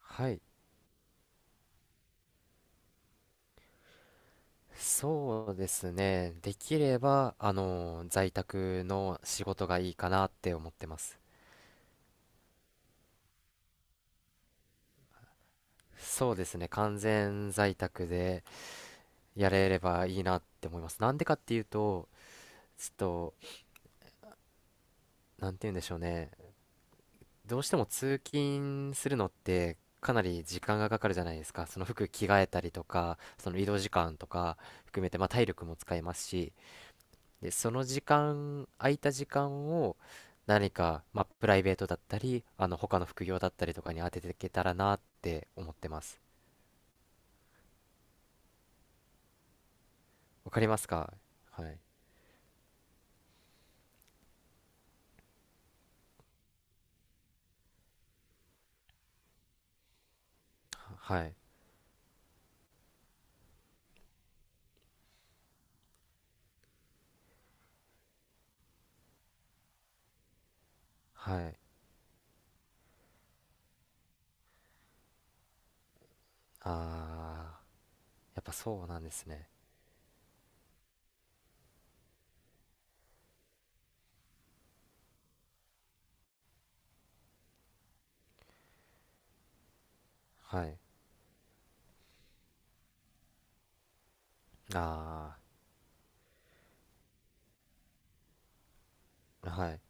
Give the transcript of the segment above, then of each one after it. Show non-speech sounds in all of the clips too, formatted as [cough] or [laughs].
はい、そうですね。できれば、在宅の仕事がいいかなって思ってます。そうですね、完全在宅でやれればいいなって思います。なんでかっていうと、ちょっと、なんて言うんでしょうね。どうしても通勤するのってかなり時間がかかるじゃないですか。その服着替えたりとか、その移動時間とか含めて、まあ体力も使いますし、で、その時間、空いた時間を何か、まあ、プライベートだったり、他の副業だったりとかに当てていけたらなって思ってます。わかりますか？はい。はい。はい。ああ、やっぱそうなんですね。はい。ああ、はい。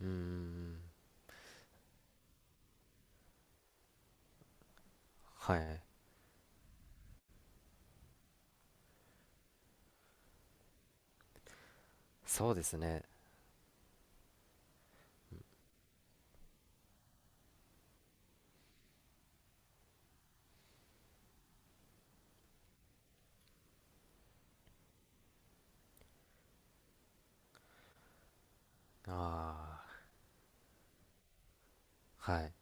うーん。はい。そうですね。ああ、はい。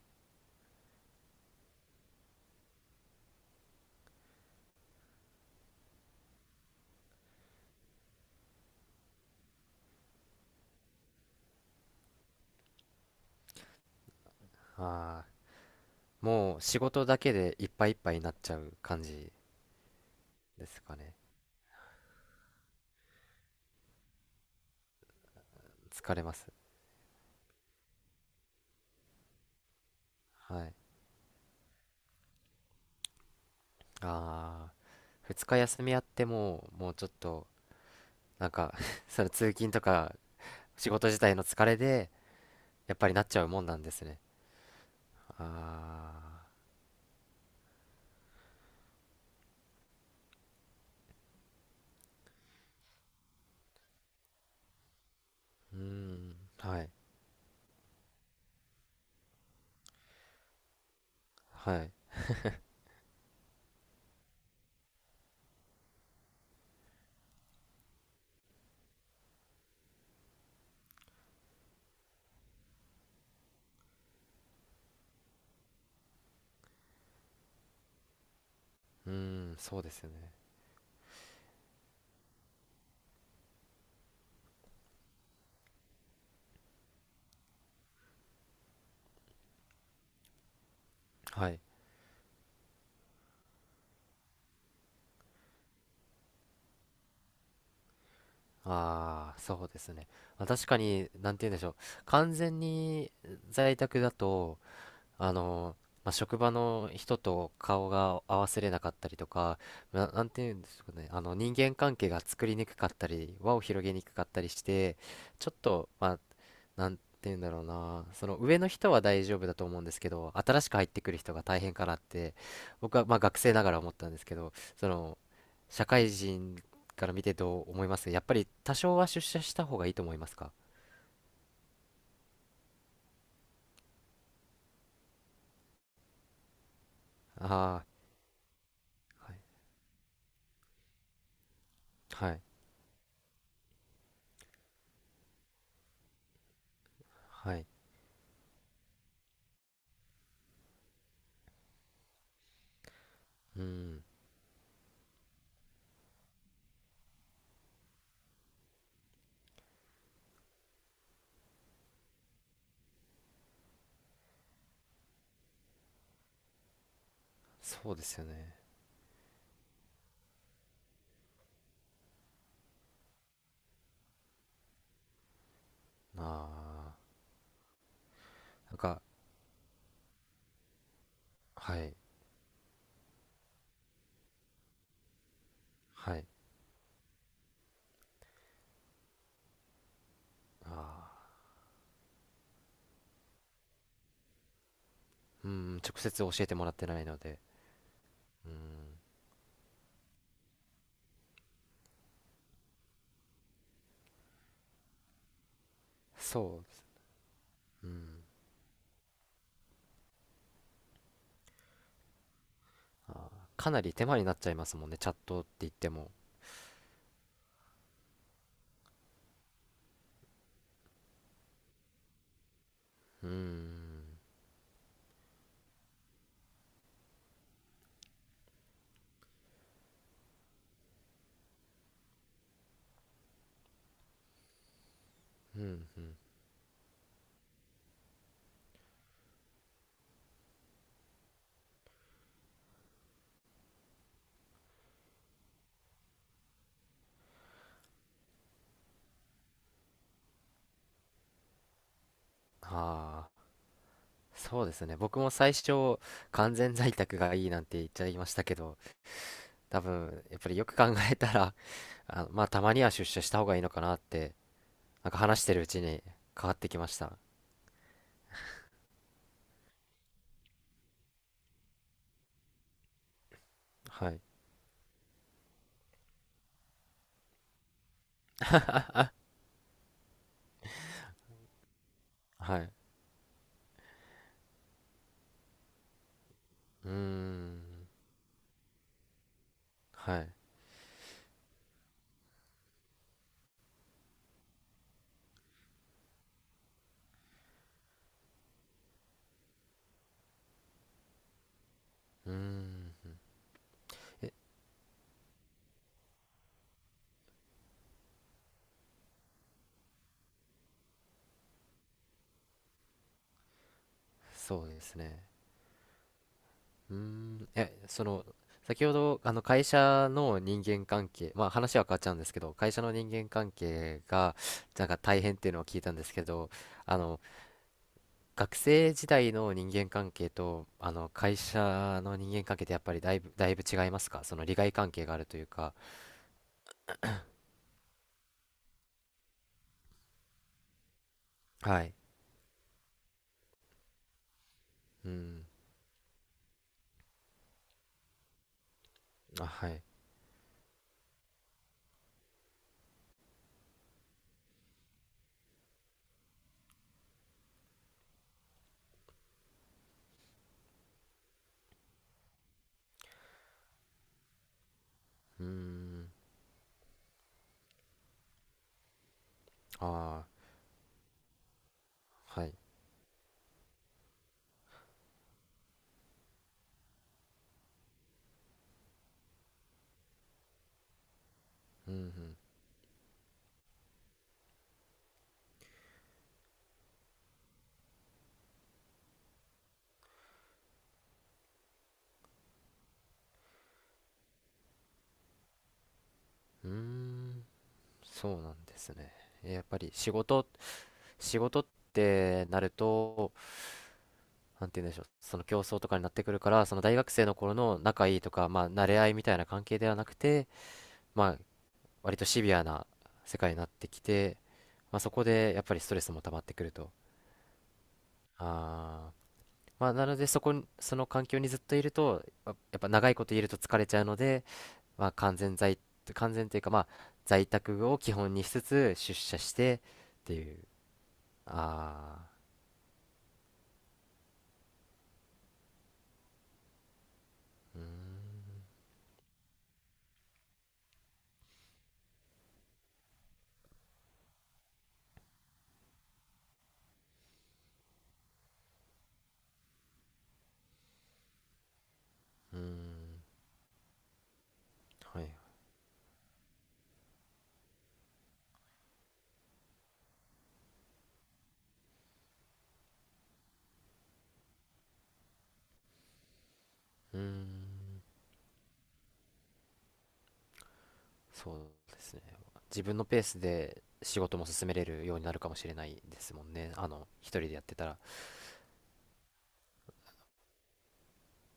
ああ、もう仕事だけでいっぱいいっぱいになっちゃう感じですかね？疲れます。はい。ああ。2日休みあっても、もうちょっと、なんか [laughs] その通勤とか仕事自体の疲れで、やっぱりなっちゃうもんなんですね。あー、うーん、はい、はい、うーん、そうですよね。はい。ああ、そうですね。まあ確かに、なんて言うんでしょう。完全に在宅だと、あの、まあ、職場の人と顔が合わせれなかったりとか、なんていうんですかね、あの人間関係が作りにくかったり、輪を広げにくかったりして、ちょっと、まあ、なんていうんだろうな、その上の人は大丈夫だと思うんですけど、新しく入ってくる人が大変かなって、僕はまあ学生ながら思ったんですけど、その、社会人から見てどう思います？やっぱり多少は出社した方がいいと思いますか？ああー、はい、はい、はい。うん、そうですよね。ああ、なんか、はい、はい、ああ、うん、直接教えてもらってないので、うん、そうです、うん、あーかなり手間になっちゃいますもんね、チャットって言っても。うん、うん、うん、ああ、そうですね、僕も最初、完全在宅がいいなんて言っちゃいましたけど、多分、やっぱりよく考えたら、[laughs] あ、まあ、たまには出社した方がいいのかなって、なんか話してるうちに変わってきました。はい、はい、うーん、はい。うーん、そうですね。うーん、え、その、先ほど、会社の人間関係、まあ話は変わっちゃうんですけど、会社の人間関係が、なんか大変っていうのを聞いたんですけど、あの、学生時代の人間関係と、会社の人間関係ってやっぱりだいぶ、だいぶ違いますか？その利害関係があるというか。はい。うん、あ、はい。うーん、ああ、はい。うん、うん、うーん、そうなんですね。やっぱり仕事ってなると、なんて言うんでしょう、その競争とかになってくるから、その大学生の頃の仲いいとか、まあ、慣れ合いみたいな関係ではなくて、まあ、割とシビアな世界になってきて、まあ、そこでやっぱりストレスも溜まってくると。あー、まあ、なのでそこに、その環境にずっといると、やっぱ長いこといると疲れちゃうので、まあ、完全というか、まあ、在宅を基本にしつつ出社してっていう。ああ、うーん、はい。うーん。そうですね。自分のペースで仕事も進めれるようになるかもしれないですもんね。一人でやってたら。